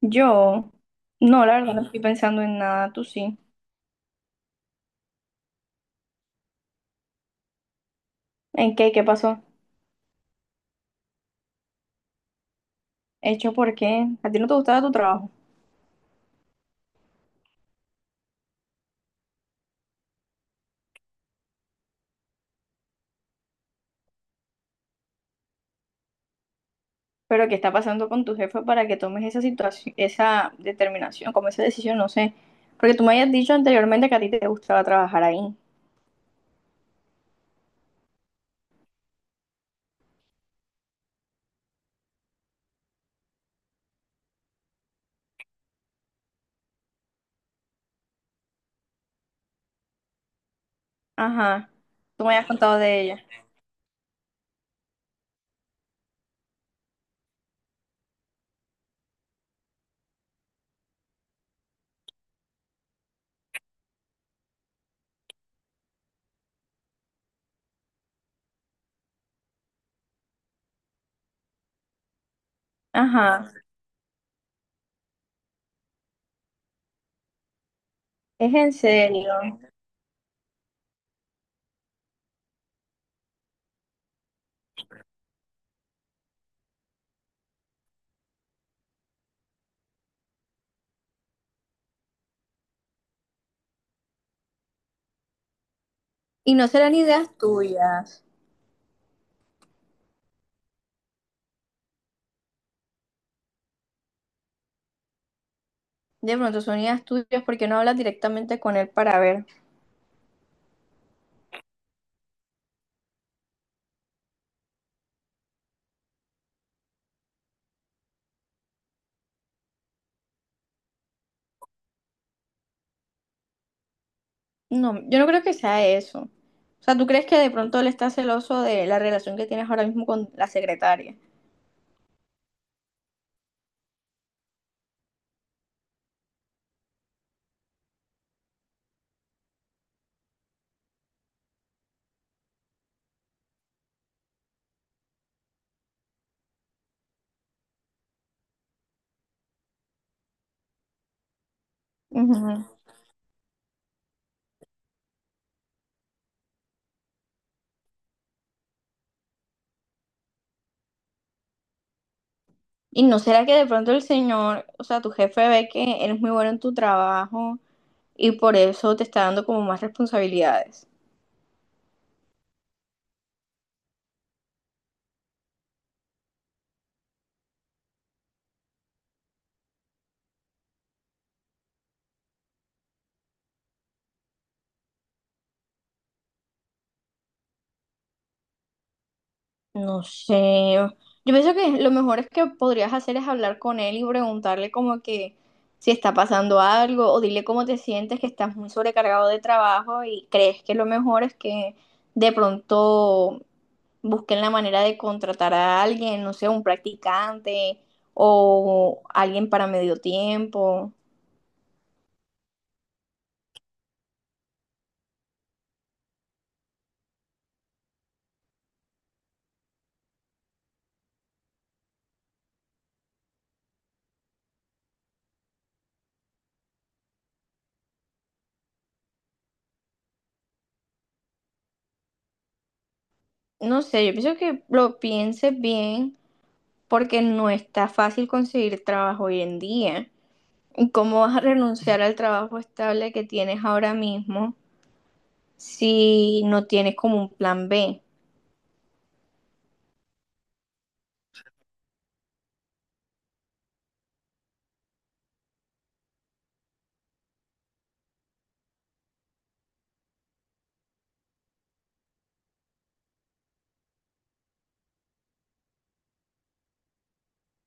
Yo, no, la verdad, no, sí estoy pensando en nada, tú sí. ¿En qué? ¿Qué pasó? ¿Hecho por qué? ¿A ti no te gustaba tu trabajo? ¿Pero qué está pasando con tu jefe para que tomes esa situación, esa determinación, como esa decisión? No sé. Porque tú me habías dicho anteriormente que a ti te gustaba trabajar ahí. Ajá. Tú me habías contado de ella. Ajá. Es en serio. ¿Y no serán ideas tuyas? De pronto son ideas tuyas porque no hablas directamente con él para ver. No, yo no creo que sea eso. O sea, ¿tú crees que de pronto él está celoso de la relación que tienes ahora mismo con la secretaria? Ujú. ¿Y no será que de pronto el señor, o sea, tu jefe ve que eres muy bueno en tu trabajo y por eso te está dando como más responsabilidades? No sé. Yo pienso que lo mejor es que podrías hacer es hablar con él y preguntarle como que si está pasando algo, o dile cómo te sientes, que estás muy sobrecargado de trabajo y crees que lo mejor es que de pronto busquen la manera de contratar a alguien, no sé, un practicante o alguien para medio tiempo. No sé, yo pienso que lo pienses bien porque no está fácil conseguir trabajo hoy en día. ¿Y cómo vas a renunciar al trabajo estable que tienes ahora mismo si no tienes como un plan B?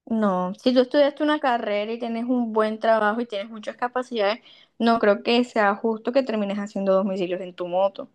No, si tú estudiaste una carrera y tienes un buen trabajo y tienes muchas capacidades, no creo que sea justo que termines haciendo domicilios en tu moto.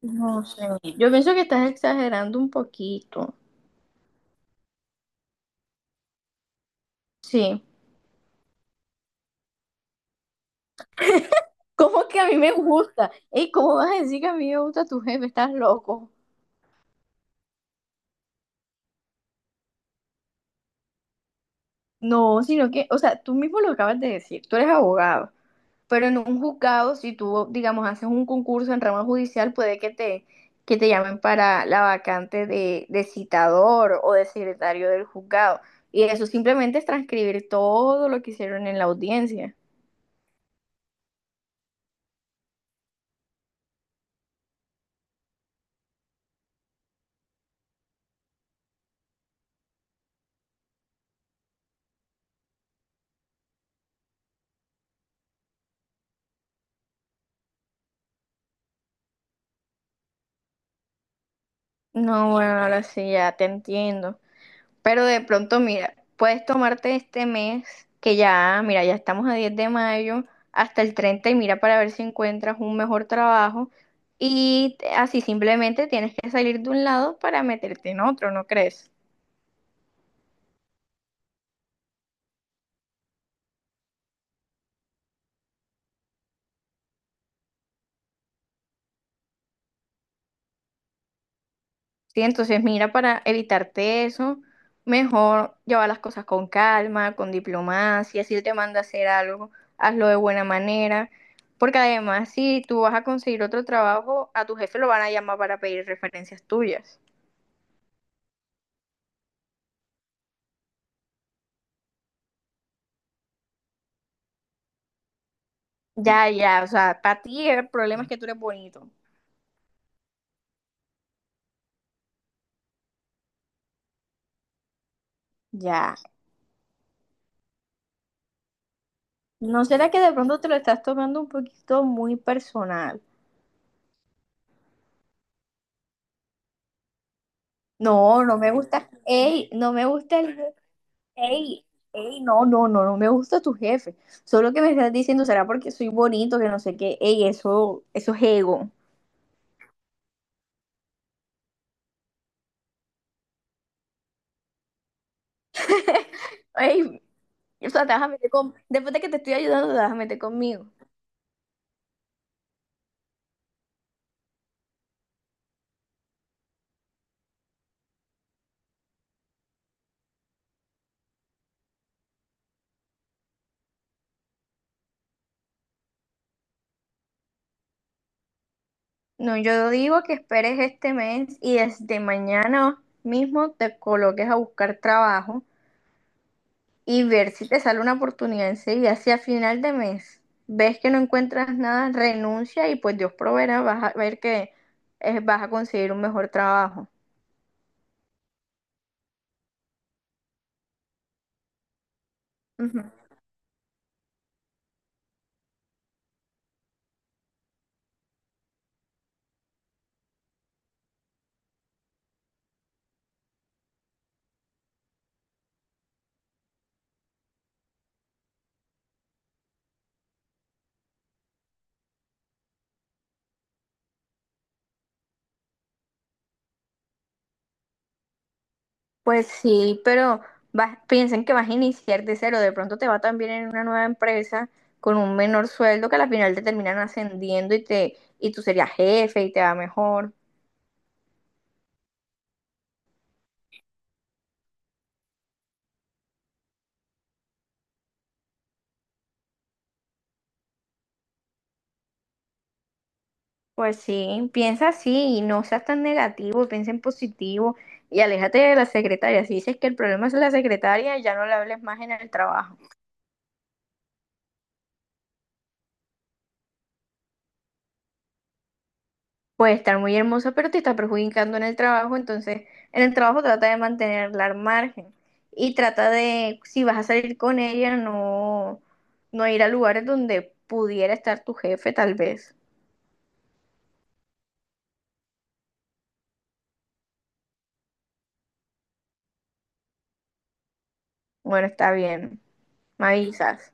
No sé, yo pienso que estás exagerando un poquito. Sí. ¿Cómo que a mí me gusta? ¿Y cómo vas a decir que a mí me gusta tu jefe? Estás loco. No, sino que, o sea, tú mismo lo acabas de decir, tú eres abogado. Pero en un juzgado, si tú, digamos, haces un concurso en rama judicial, puede que te llamen para la vacante de citador o de secretario del juzgado. Y eso simplemente es transcribir todo lo que hicieron en la audiencia. No, bueno, ahora sí, ya te entiendo. Pero de pronto, mira, puedes tomarte este mes, que ya, mira, ya estamos a 10 de mayo, hasta el 30, y mira para ver si encuentras un mejor trabajo. Y así simplemente tienes que salir de un lado para meterte en otro, ¿no crees? Sí, entonces mira, para evitarte eso, mejor llevar las cosas con calma, con diplomacia. Si él te manda a hacer algo, hazlo de buena manera. Porque además, si tú vas a conseguir otro trabajo, a tu jefe lo van a llamar para pedir referencias tuyas. Ya, ya, o sea, para ti el problema es que tú eres bonito. Ya. ¿No será que de pronto te lo estás tomando un poquito muy personal? No, no me gusta. Ey, no me gusta el... Ey, ey, no, no, no, no me gusta tu jefe. Solo que me estás diciendo será porque soy bonito, que no sé qué. Ey, eso es ego. Ey, o sea, te vas a meter con... Después de que te estoy ayudando, te vas a meter conmigo. No, yo digo que esperes este mes y desde mañana mismo te coloques a buscar trabajo y ver si te sale una oportunidad enseguida. Si a final de mes ves que no encuentras nada, renuncia y pues Dios proveerá, vas a ver que vas a conseguir un mejor trabajo. Ujú. Pues sí, pero vas, piensen que vas a iniciar de cero, de pronto te va también en una nueva empresa con un menor sueldo que al final te terminan ascendiendo y te y tú serías jefe y te va mejor. Pues sí, piensa así y no seas tan negativo, piensa en positivo y aléjate de la secretaria. Si dices que el problema es la secretaria, ya no le hables más en el trabajo. Puede estar muy hermosa, pero te está perjudicando en el trabajo, entonces en el trabajo trata de mantenerla al margen y trata de, si vas a salir con ella, no, no ir a lugares donde pudiera estar tu jefe, tal vez. Bueno, está bien, me avisas.